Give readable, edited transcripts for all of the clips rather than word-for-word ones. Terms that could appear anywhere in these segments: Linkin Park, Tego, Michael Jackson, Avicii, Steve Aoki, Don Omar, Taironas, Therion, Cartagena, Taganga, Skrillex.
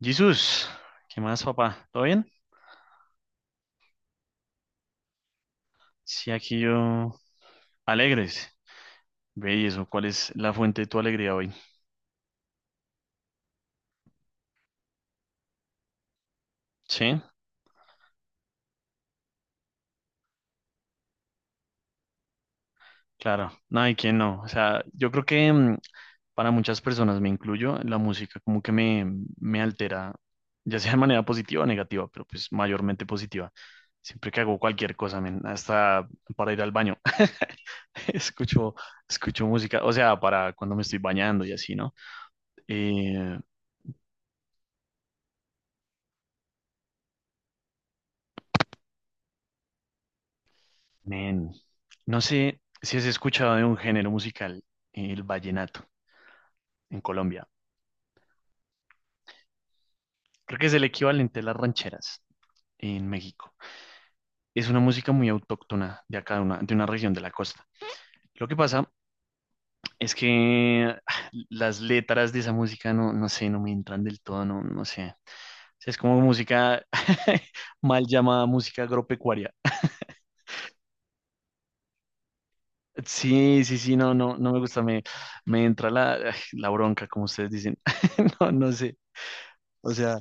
Jesús, ¿qué más, papá? ¿Todo bien? Sí, aquí yo. Alegres. Ve y eso, ¿cuál es la fuente de tu alegría hoy? Sí, claro. No, ¿y quién no? O sea, yo creo que para muchas personas, me incluyo, la música como que me altera, ya sea de manera positiva o negativa, pero pues mayormente positiva. Siempre que hago cualquier cosa, men, hasta para ir al baño, escucho, escucho música, o sea, para cuando me estoy bañando y así, ¿no? Eh, Men, no sé si has escuchado de un género musical, el vallenato, en Colombia. Creo que es el equivalente a las rancheras en México. Es una música muy autóctona de acá, de una región de la costa. Lo que pasa es que las letras de esa música no, no sé, no me entran del todo, no, no sé. O sea, es como música mal llamada música agropecuaria. Sí, sí, sí, no, no, no me gusta, me entra la bronca, como ustedes dicen. No, no sé. O sea.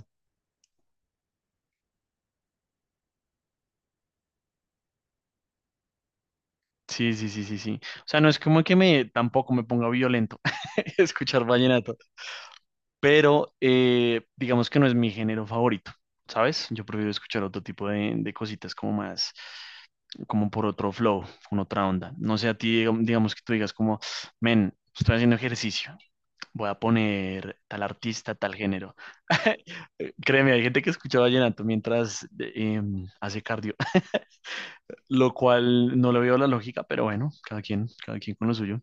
Sí, sí, sí, sí, sí. O sea, no es como que me tampoco me ponga violento escuchar vallenato, pero digamos que no es mi género favorito, ¿sabes? Yo prefiero escuchar otro tipo de cositas como más, como por otro flow, con otra onda. No sé, a ti, digamos que tú digas como, men, estoy haciendo ejercicio, voy a poner tal artista, tal género. Créeme, hay gente que escucha vallenato mientras hace cardio, lo cual no le veo la lógica, pero bueno, cada quien con lo suyo.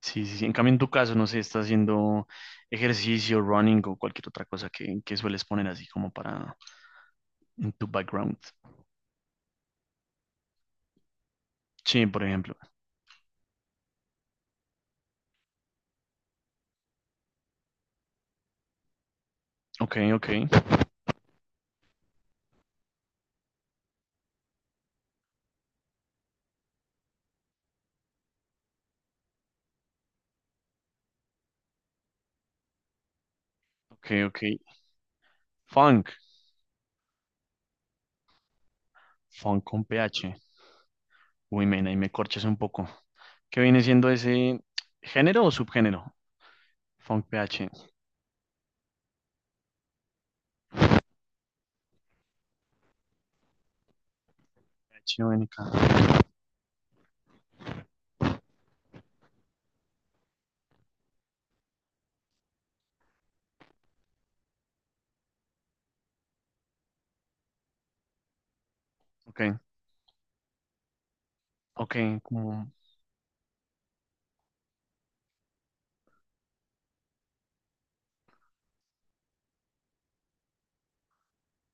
Sí, sí, sí. En cambio, en tu caso, no sé, estás haciendo ejercicio, running o cualquier otra cosa que sueles poner así como para en tu background. Sí, por ejemplo. Ok, ok, ok, ok. Funk, funk con PH. Uy, men, ahí me corchas un poco. ¿Qué viene siendo ese género o subgénero? Funk PH. PH. Ok, ok, como,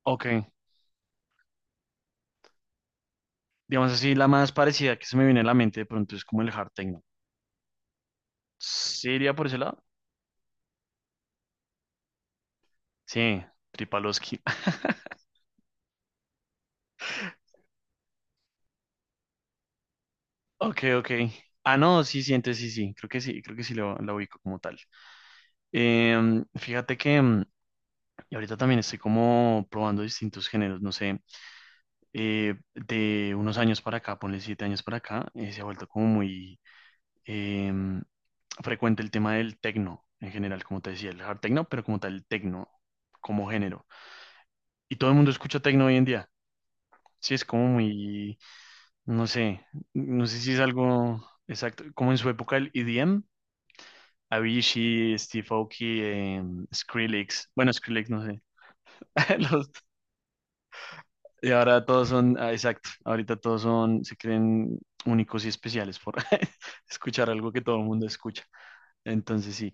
ok. Digamos así, la más parecida que se me viene a la mente de pronto es como el hard techno. ¿Sí iría por ese lado? Sí, Tripalowski. Ok, ok. Ah, no, sí, sí, entonces sí, sí. Creo que sí, creo que sí la ubico como tal. Fíjate que y ahorita también estoy como probando distintos géneros, no sé, de unos años para acá, ponle siete años para acá, se ha vuelto como muy em, frecuente el tema del techno en general, como te decía, el hard techno, pero como tal el techno como género. Y todo el mundo escucha techno hoy en día. Sí, es como muy. No sé, no sé si es algo exacto, como en su época el EDM, Avicii, Steve Aoki, Skrillex, bueno, Skrillex no sé. Los- y ahora todos son, ah, exacto, ahorita todos son, se creen únicos y especiales por escuchar algo que todo el mundo escucha, entonces sí,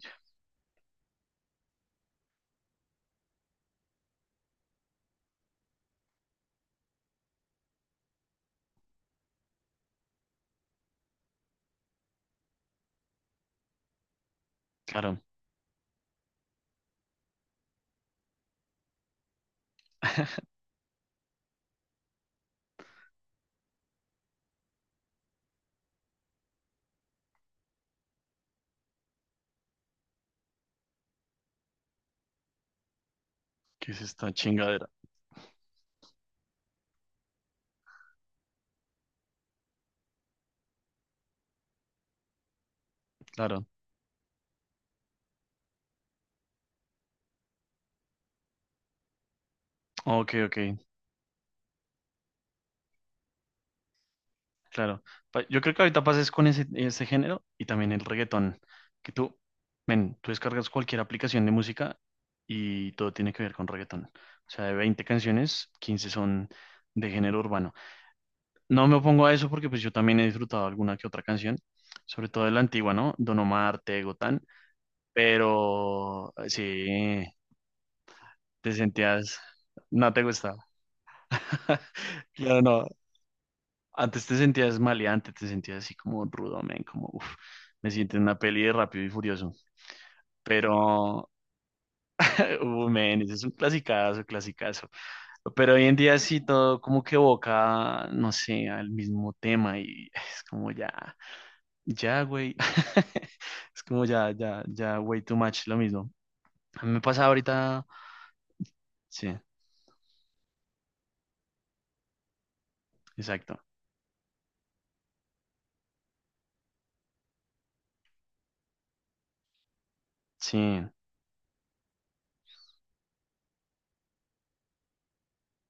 claro, que es esta chingadera, claro, ok, ok, claro. Yo creo que ahorita pases con ese género y también el reggaetón, que tú, men, tú descargas cualquier aplicación de música y todo tiene que ver con reggaetón. O sea, de 20 canciones, 15 son de género urbano. No me opongo a eso porque pues yo también he disfrutado alguna que otra canción, sobre todo de la antigua, ¿no? Don Omar, Tego, Tan, pero sí, te sentías, no te gustaba. Claro, no. Antes te sentías maleante, te sentías así como rudo, men, como, uff, me siento en una peli de Rápido y Furioso. Pero, men, ese es un clasicazo, clasicazo. Pero hoy en día sí todo como que evoca, no sé, al mismo tema y es como ya, ya, güey. Es como ya, ya, ya, way too much, lo mismo. A mí me pasa ahorita, sí, exacto. Sí,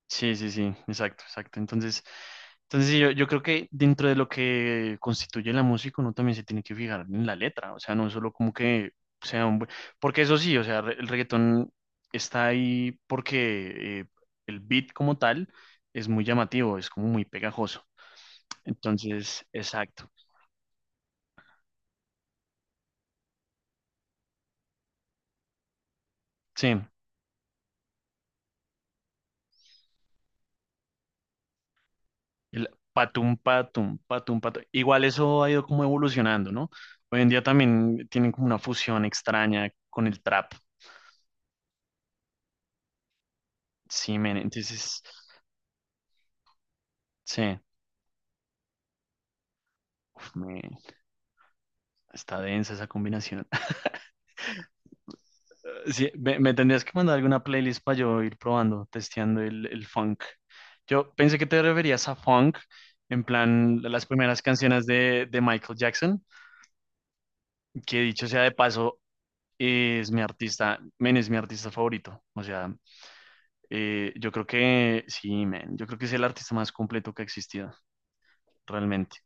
sí, sí, sí, exacto, exacto. Entonces, sí, yo creo que dentro de lo que constituye la música, uno también se tiene que fijar en la letra, o sea, no solo como que sea un. Porque eso sí, o sea, el reggaetón está ahí porque el beat como tal es muy llamativo, es como muy pegajoso. Entonces, exacto, sí, el patum, patum, patum, patum. Igual eso ha ido como evolucionando, ¿no? Hoy en día también tienen como una fusión extraña con el trap. Sí, men, entonces, sí, uf, está densa esa combinación. Sí, me tendrías que mandar alguna playlist para yo ir probando, testeando el funk. Yo pensé que te referías a funk, en plan las primeras canciones de Michael Jackson, que dicho sea de paso, es mi artista, men, es mi artista favorito. O sea, yo creo que, sí, men, yo creo que es el artista más completo que ha existido, realmente.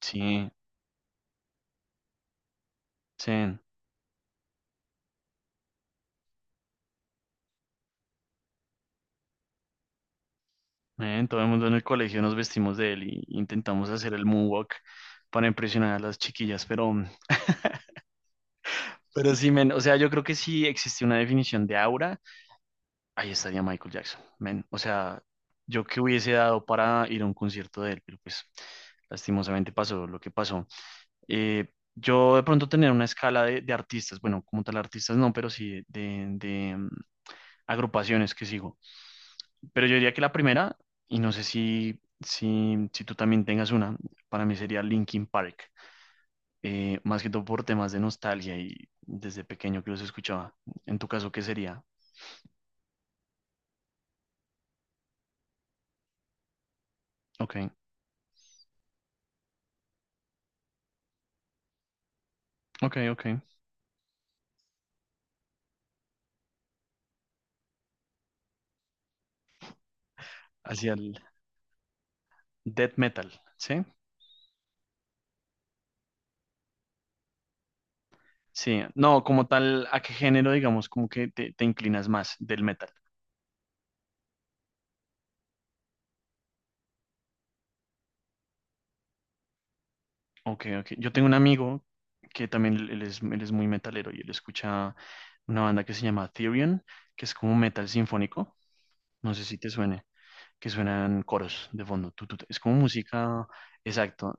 Sí, sí. Todo el mundo en el colegio nos vestimos de él y intentamos hacer el moonwalk para impresionar a las chiquillas, pero sí, men, o sea, yo creo que si existe una definición de aura, ahí estaría Michael Jackson, men, o sea, yo que hubiese dado para ir a un concierto de él, pero pues lastimosamente pasó lo que pasó. Eh, yo de pronto tener una escala de artistas, bueno, como tal artistas no, pero sí de agrupaciones que sigo. Pero yo diría que la primera, y no sé si, si tú también tengas una, para mí sería Linkin Park. Más que todo por temas de nostalgia y desde pequeño que los escuchaba. En tu caso, ¿qué sería? Ok, ok, ok. Hacia el death metal, ¿sí? Sí, no, como tal, ¿a qué género, digamos, como que te inclinas más del metal? Ok, ok. Yo tengo un amigo que también él es muy metalero y él escucha una banda que se llama Therion, que es como metal sinfónico. No sé si te suene. Que suenan coros de fondo. Tu, tu, tu. Es como música, exacto.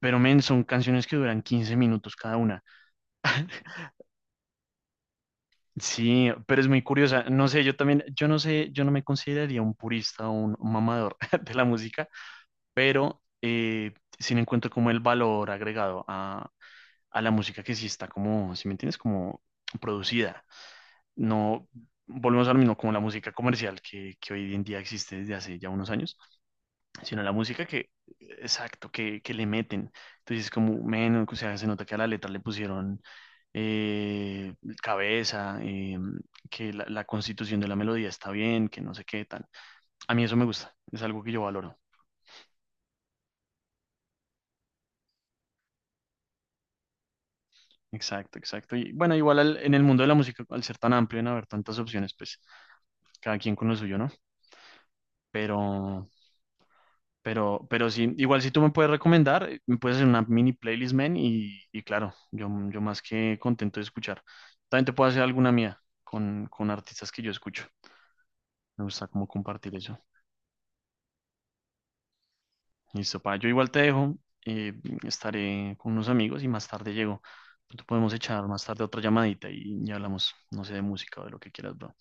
Pero men, son canciones que duran 15 minutos cada una. Sí, pero es muy curiosa. No sé, yo también, yo no sé, yo no me consideraría un purista o un mamador de la música, pero sí le encuentro como el valor agregado a, la música que sí está como, si me entiendes, como producida. No, volvemos al mismo, como la música comercial que hoy en día existe desde hace ya unos años sino la música que, exacto, que le meten. Entonces, como, menos, o sea, se nota que a la letra le pusieron eh, cabeza, que la constitución de la melodía está bien, que no sé qué tan. A mí eso me gusta, es algo que yo valoro. Exacto, exacto. Y bueno, igual en el mundo de la música, al ser tan amplio, en haber tantas opciones, pues cada quien con lo suyo, ¿no? Pero, pero sí, igual si tú me puedes recomendar, me puedes hacer una mini playlist, man, y claro, yo más que contento de escuchar. También te puedo hacer alguna mía con, artistas que yo escucho. Me gusta como compartir eso. Listo, pa, yo igual te dejo, eh, estaré con unos amigos y más tarde llego. Tú podemos echar más tarde otra llamadita y ya hablamos, no sé, de música o de lo que quieras, bro.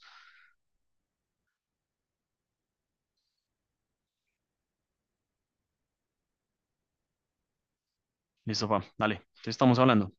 Listo, pa, dale, te estamos hablando.